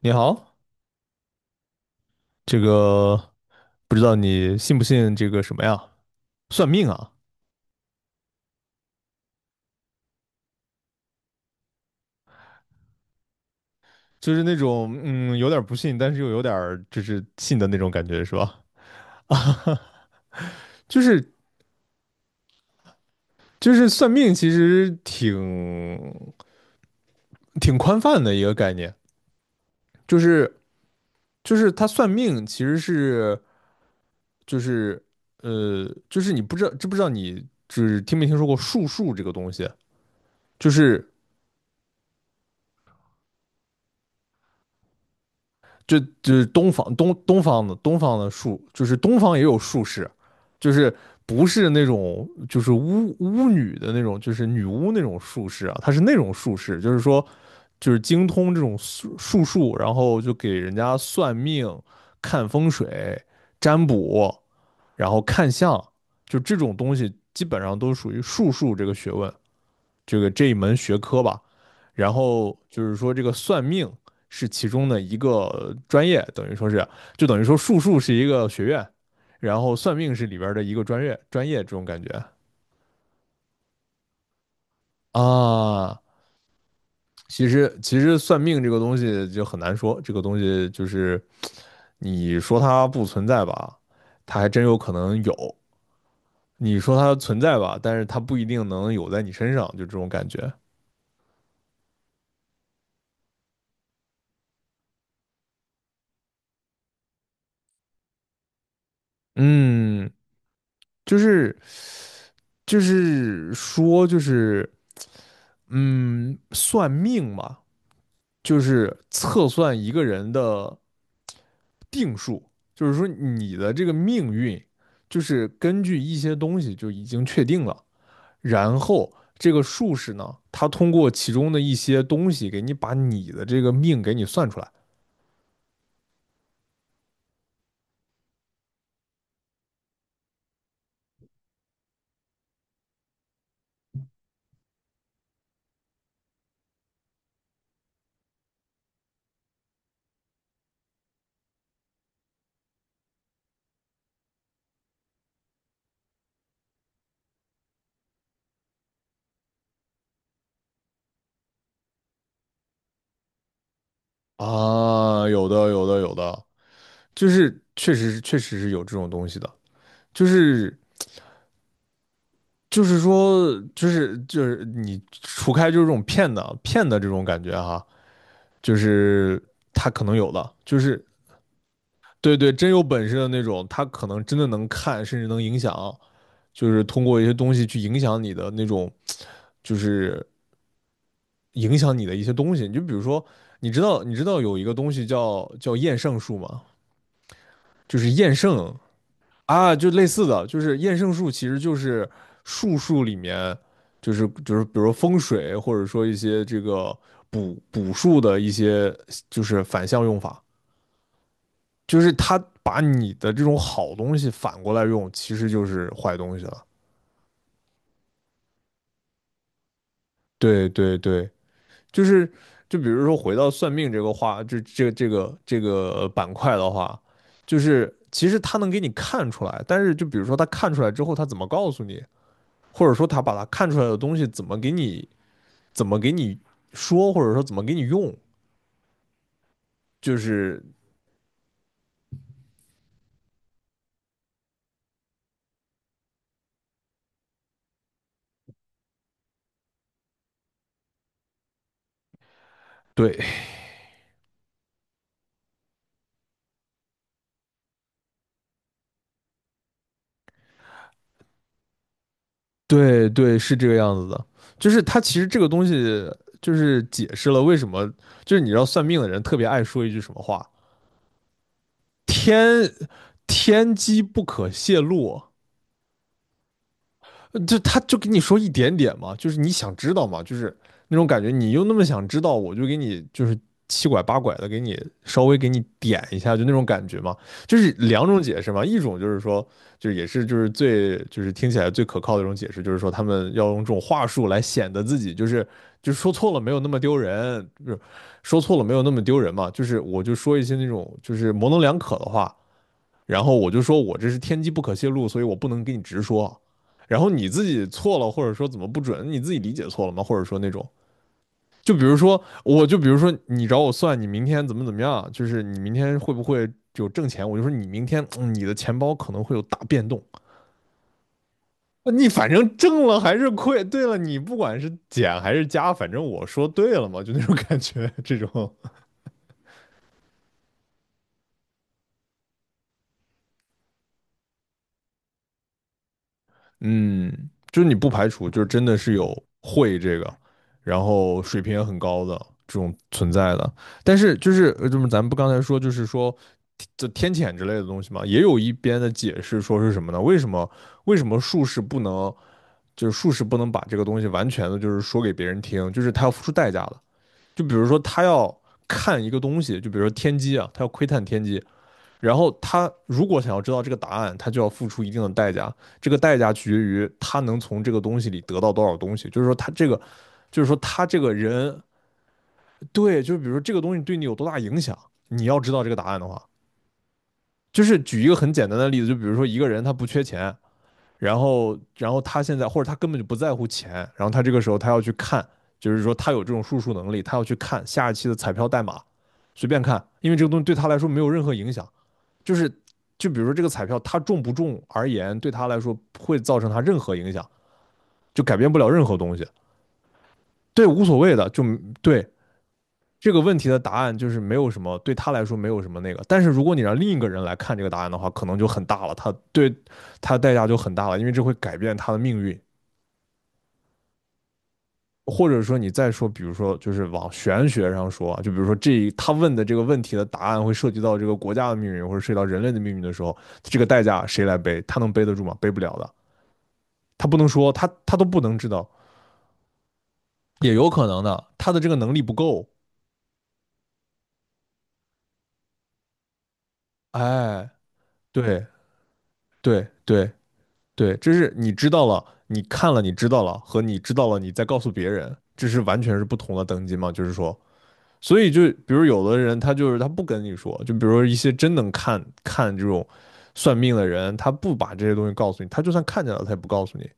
你好，这个不知道你信不信这个什么呀？算命啊，就是那种有点儿不信，但是又有点儿就是信的那种感觉，是吧？啊，就是就是算命其实挺宽泛的一个概念，就是就是他算命其实是就是就是你不知道知不知道你就是听没听说过术数这个东西，就是就是东方东方的术，就是东方也有术士，就是不是那种就是巫女的那种，就是女巫那种术士啊，她是那种术士，就是说就是精通这种术数，然后就给人家算命、看风水、占卜，然后看相，就这种东西基本上都属于术数这个学问。这个这一门学科吧。然后就是说，这个算命是其中的一个专业，等于说是，就等于说术数是一个学院，然后算命是里边的一个专业，专业这种感觉啊。其实，其实算命这个东西就很难说，这个东西就是你说它不存在吧，它还真有可能有；你说它存在吧，但是它不一定能有在你身上，就这种感觉。嗯，就是就是说。嗯，算命嘛，就是测算一个人的定数，就是说你的这个命运，就是根据一些东西就已经确定了，然后这个术士呢，他通过其中的一些东西给你把你的这个命给你算出来啊，有的有的有的，就是确实是有这种东西的，就是就是说你除开就是这种骗的这种感觉哈。就是他可能有的，就是对对，真有本事的那种，他可能真的能看，甚至能影响，就是通过一些东西去影响你的那种，就是影响你的一些东西。你就比如说，你知道有一个东西叫厌胜术吗？就是厌胜啊，就类似的，就是厌胜术其实就是术数里面，就是就是比如说风水，或者说一些这个。补数的一些就是反向用法，就是他把你的这种好东西反过来用，其实就是坏东西了。对对对，就是就比如说回到算命这个话，这个板块的话，就是其实他能给你看出来，但是就比如说他看出来之后，他怎么告诉你，或者说他把他看出来的东西怎么给你说，或者说怎么给你用，就是对对对，是这个样子的。就是它其实这个东西，就是解释了为什么，就是你知道算命的人特别爱说一句什么话：天天机不可泄露。就他就跟你说一点点嘛，就是你想知道嘛，就是那种感觉，你又那么想知道，我就给你就是七拐八拐的给你稍微给你点一下，就那种感觉嘛，就是两种解释嘛，一种就是说，就是也是就是最就是听起来最可靠的一种解释，就是说他们要用这种话术来显得自己就是就是说错了没有那么丢人，就是说错了没有那么丢人嘛，就是我就说一些那种就是模棱两可的话。然后我就说我这是天机不可泄露，所以我不能给你直说。然后你自己错了，或者说怎么不准，你自己理解错了吗？或者说那种，就比如说，我就比如说你找我算你明天怎么怎么样，就是你明天会不会有挣钱？我就说你明天、你的钱包可能会有大变动。你反正挣了还是亏，对了，你不管是减还是加，反正我说对了嘛，就那种感觉，这种嗯，就是你不排除，就是真的是有会这个，然后水平也很高的这种存在的。但是就是就是咱们不刚才说，就是说这天谴之类的东西嘛，也有一边的解释说是什么呢？为什么术士不能，就是术士不能把这个东西完全的，就是说给别人听，就是他要付出代价的。就比如说他要看一个东西，就比如说天机啊，他要窥探天机，然后他如果想要知道这个答案，他就要付出一定的代价。这个代价取决于他能从这个东西里得到多少东西。就是说，他这个，就是说他这个人，对，就是比如说这个东西对你有多大影响，你要知道这个答案的话，就是举一个很简单的例子，就比如说一个人他不缺钱，然后他现在或者他根本就不在乎钱，然后他这个时候他要去看，就是说他有这种数数能力，他要去看下一期的彩票代码，随便看，因为这个东西对他来说没有任何影响。就是就比如说这个彩票它中不中而言，对他来说不会造成他任何影响，就改变不了任何东西。对，无所谓的，就对这个问题的答案就是没有什么，对他来说没有什么那个。但是如果你让另一个人来看这个答案的话，可能就很大了，他对他代价就很大了，因为这会改变他的命运。或者说你再说，比如说就是往玄学上说啊，就比如说这他问的这个问题的答案会涉及到这个国家的命运，或者涉及到人类的命运的时候，这个代价谁来背？他能背得住吗？背不了的。他不能说，他他都不能知道，也有可能的，他的这个能力不够。哎，对对对对，这是你知道了，你看了，你知道了，和你知道了，你再告诉别人，这是完全是不同的等级嘛？就是说，所以就比如有的人他就是他不跟你说，就比如说一些真能看这种算命的人，他不把这些东西告诉你，他就算看见了，他也不告诉你，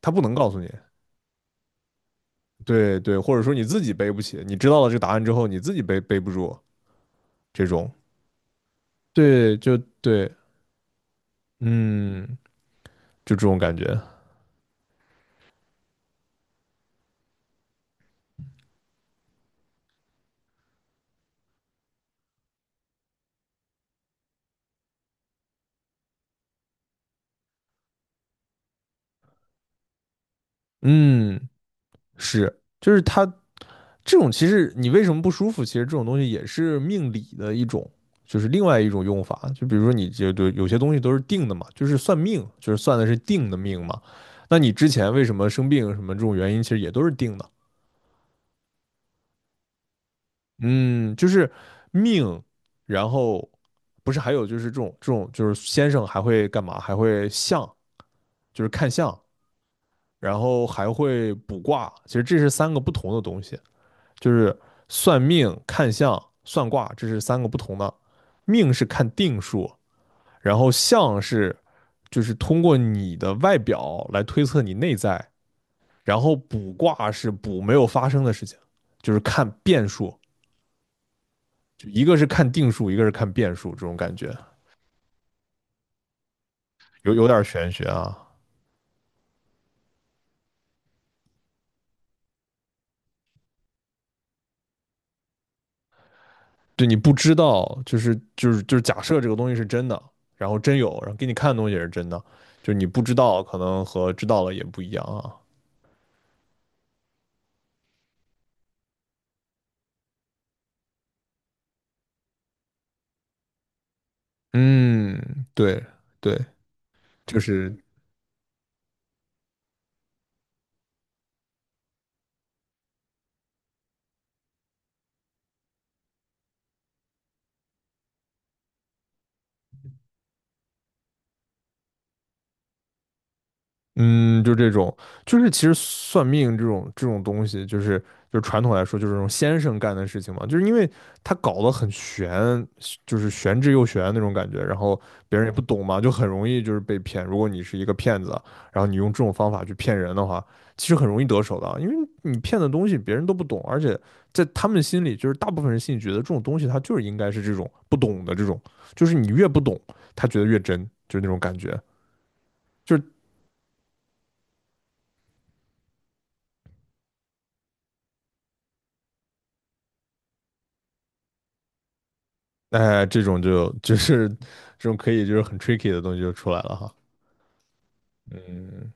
他不能告诉你。对对，或者说你自己背不起，你知道了这个答案之后，你自己背不住这种。对，就对，嗯，就这种感觉，嗯，是，就是他，这种其实你为什么不舒服？其实这种东西也是命理的一种，就是另外一种用法。就比如说你这对有些东西都是定的嘛，就是算命，就是算的是定的命嘛。那你之前为什么生病什么这种原因，其实也都是定的。嗯，就是命，然后不是还有就是这种就是先生还会干嘛？还会相，就是看相。然后还会卜卦，其实这是三个不同的东西，就是算命、看相、算卦，这是三个不同的。命是看定数，然后相是就是通过你的外表来推测你内在，然后卜卦是卜没有发生的事情，就是看变数，就一个是看定数，一个是看变数，这种感觉有玄学啊。对你不知道，就是假设这个东西是真的，然后真有，然后给你看的东西也是真的，就是你不知道，可能和知道了也不一样啊。嗯，对对，就是嗯，就这种，就是其实算命这种东西，就是传统来说，就是这种先生干的事情嘛，就是因为他搞得很玄，就是玄之又玄那种感觉，然后别人也不懂嘛，就很容易就是被骗。如果你是一个骗子，然后你用这种方法去骗人的话，其实很容易得手的啊因为你骗的东西别人都不懂，而且在他们心里，就是大部分人心里觉得这种东西他就是应该是这种不懂的这种，就是你越不懂，他觉得越真，就是那种感觉。就是哎，这种就是这种可以就是很 tricky 的东西就出来了哈。嗯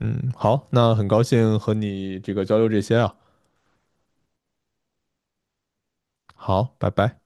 嗯，好，那很高兴和你这个交流这些啊。好，拜拜。